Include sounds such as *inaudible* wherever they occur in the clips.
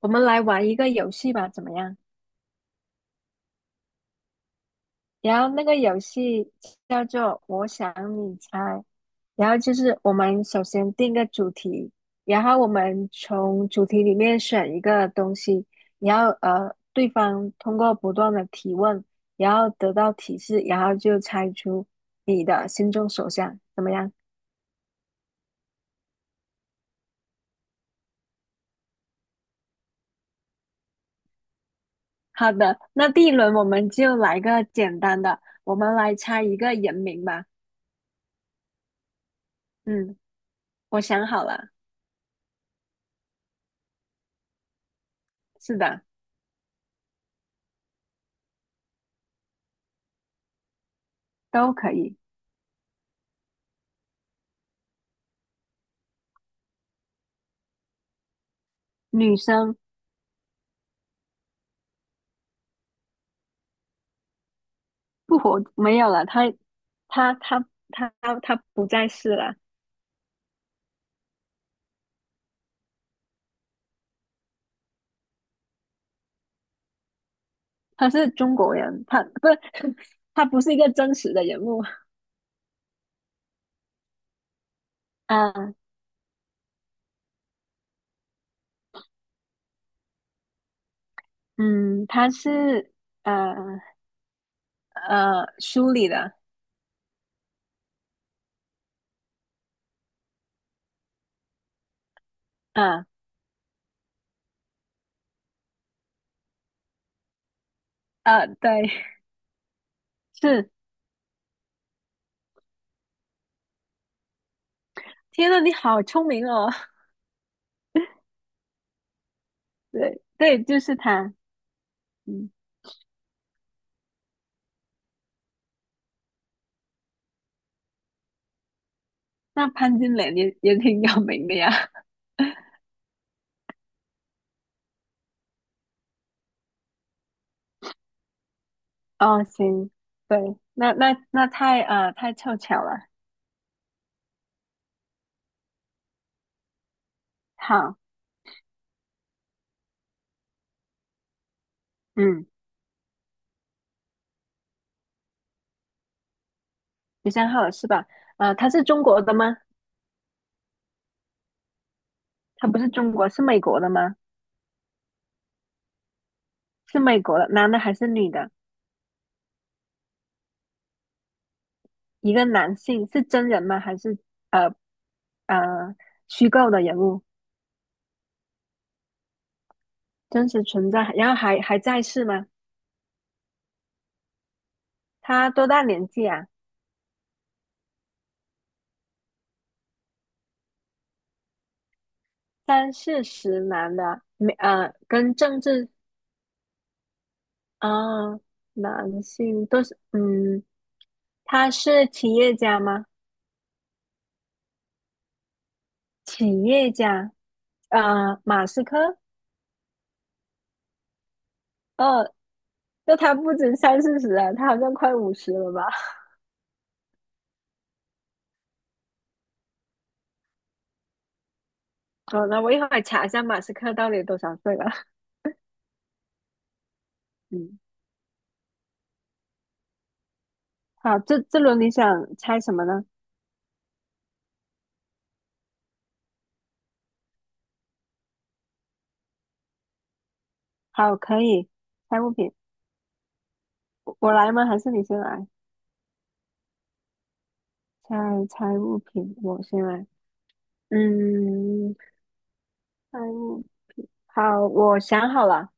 我们来玩一个游戏吧，怎么样？然后那个游戏叫做"我想你猜"，然后就是我们首先定个主题，然后我们从主题里面选一个东西，然后对方通过不断的提问，然后得到提示，然后就猜出你的心中所想，怎么样？好的，那第一轮我们就来个简单的，我们来猜一个人名吧。嗯，我想好了，是的，都可以。女生不活没有了，她她她她不再是了，她是中国人，她不是 *laughs* 她不是一个真实的人物。啊，她是呃书里的。啊啊，对，是，天呐，你好聪明哦。*laughs* 对对，就是她。嗯，那潘金莲也挺有名的呀。*laughs* 哦行，对，那太太凑巧了。好。嗯。13号是吧？他是中国的吗？他不是中国，是美国的吗？是美国的，男的还是女的？一个男性是真人吗？还是呃呃虚构的人物？真实存在，然后还在世吗？他多大年纪啊？三四十男的，没呃，跟政治啊、男性都是，嗯，他是企业家吗？企业家，啊，马斯克。二那他不止三四十啊，他好像快50了吧？*laughs* 好，那我一会儿查一下马斯克到底多少岁了。*laughs* 嗯，好，这轮你想猜什么呢？好，可以猜物品，我来吗？还是你先来？猜猜物品，我先来。嗯，猜物，好，我想好了，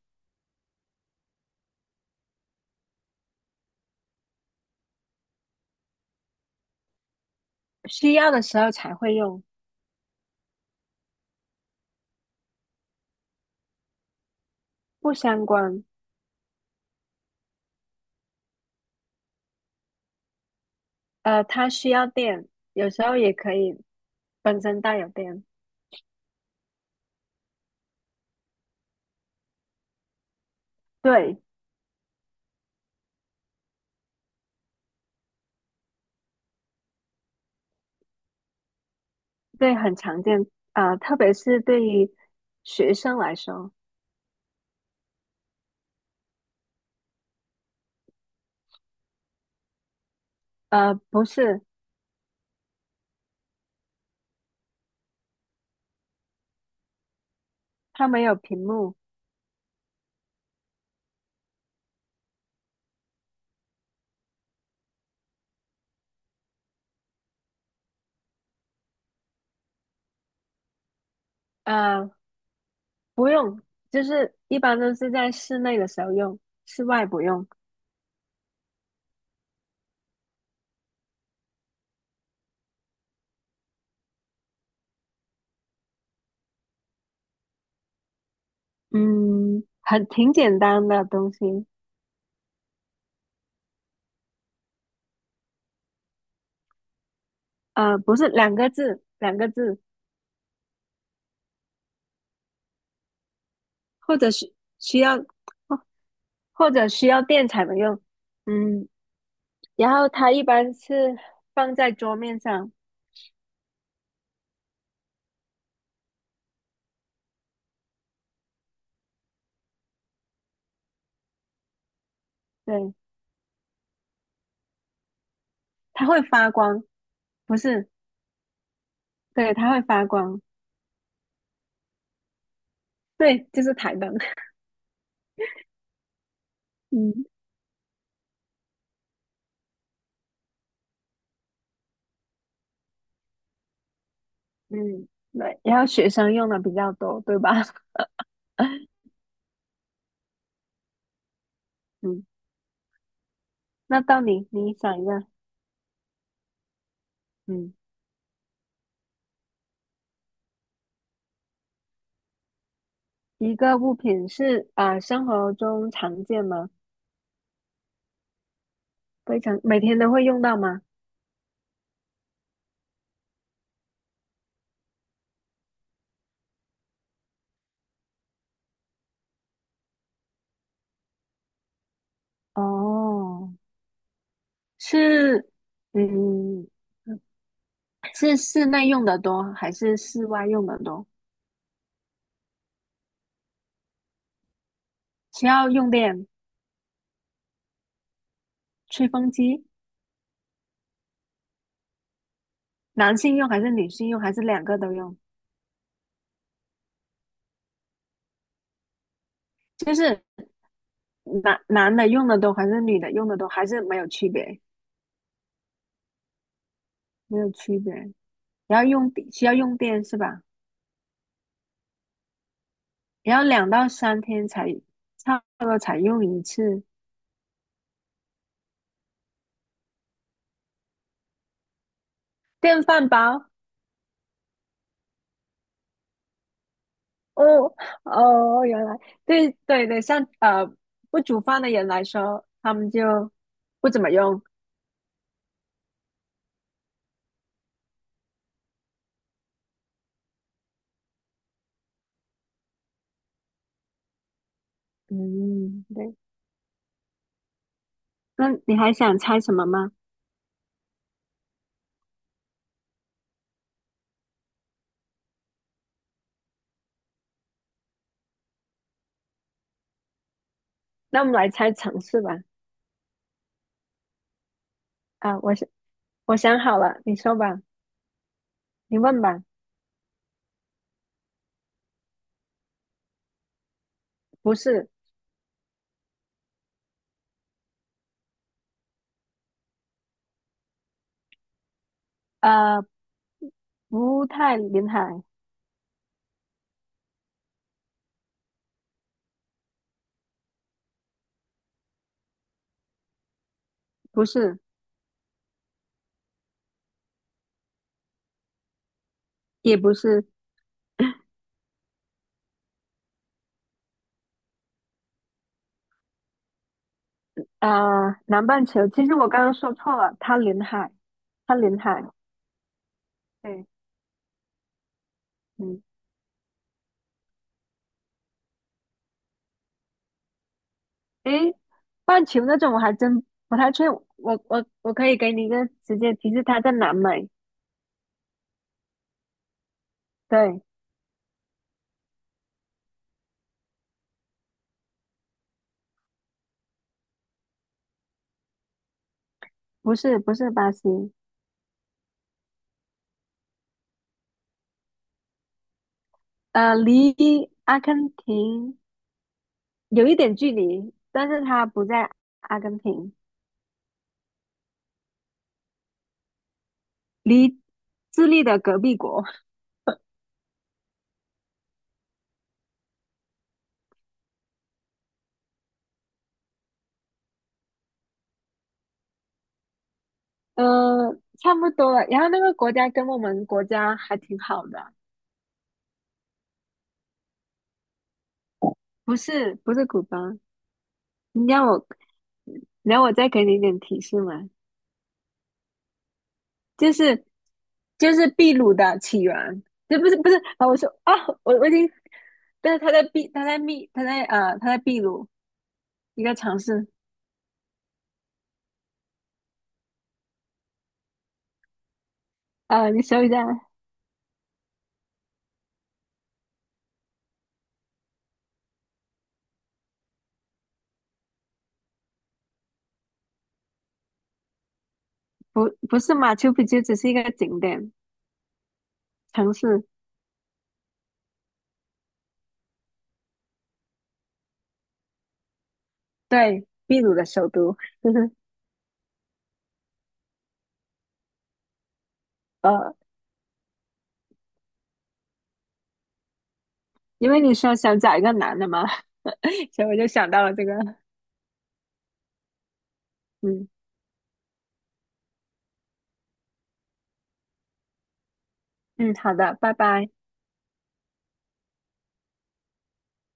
需要的时候才会用，不相关。它需要电，有时候也可以本身带有电。对，对，很常见啊，特别是对于学生来说，不是，它没有屏幕，呃，不用，就是一般都是在室内的时候用，室外不用。嗯，很挺简单的东西，不是两个字，两个字，或者是需要，或或者需要电才能用。嗯，然后它一般是放在桌面上，对，它会发光，不是，对，它会发光，对，就是台灯。嗯嗯，对，然后学生用的比较多，对吧？*laughs* 嗯，那到你，你想一个。嗯，一个物品是啊，生活中常见吗？非常，每天都会用到吗？哦，是，嗯，是室内用的多还是室外用的多？需要用电，吹风机，男性用还是女性用，还是两个都用？就是男的用的多还是女的用的多，还是没有区别？没有区别。要用电需要用电是吧？然后2到3天才差不多才用一次电饭煲。哦哦，原来对对对，像不煮饭的人来说，他们就不怎么用。嗯，对。那你还想猜什么吗？那我们来猜城市吧。啊，我想好了，你说吧，你问吧。不是，呃，不太临海，不是，也不是。啊，南半球，其实我刚刚说错了，它临海，它临海。对，嗯，诶，半球那种我还真不太确，我可以给你一个直接提示，它在南美。对，不是不是巴西，离阿根廷有一点距离，但是它不在阿根廷，离智利的隔壁国，呃，差不多了。然后那个国家跟我们国家还挺好的，不是不是古巴，你让我。然后我再给你一点提示嘛，就是就是秘鲁的起源，这不是不是啊？我说啊，我已经，但是他在秘鲁一个城市啊、你搜一下，不是马丘比丘，只是一个景点城市，对，秘鲁的首都，*laughs* 就是呃，因为你说想找一个男的嘛，*laughs* 所以我就想到了这个，嗯嗯，好的，拜拜。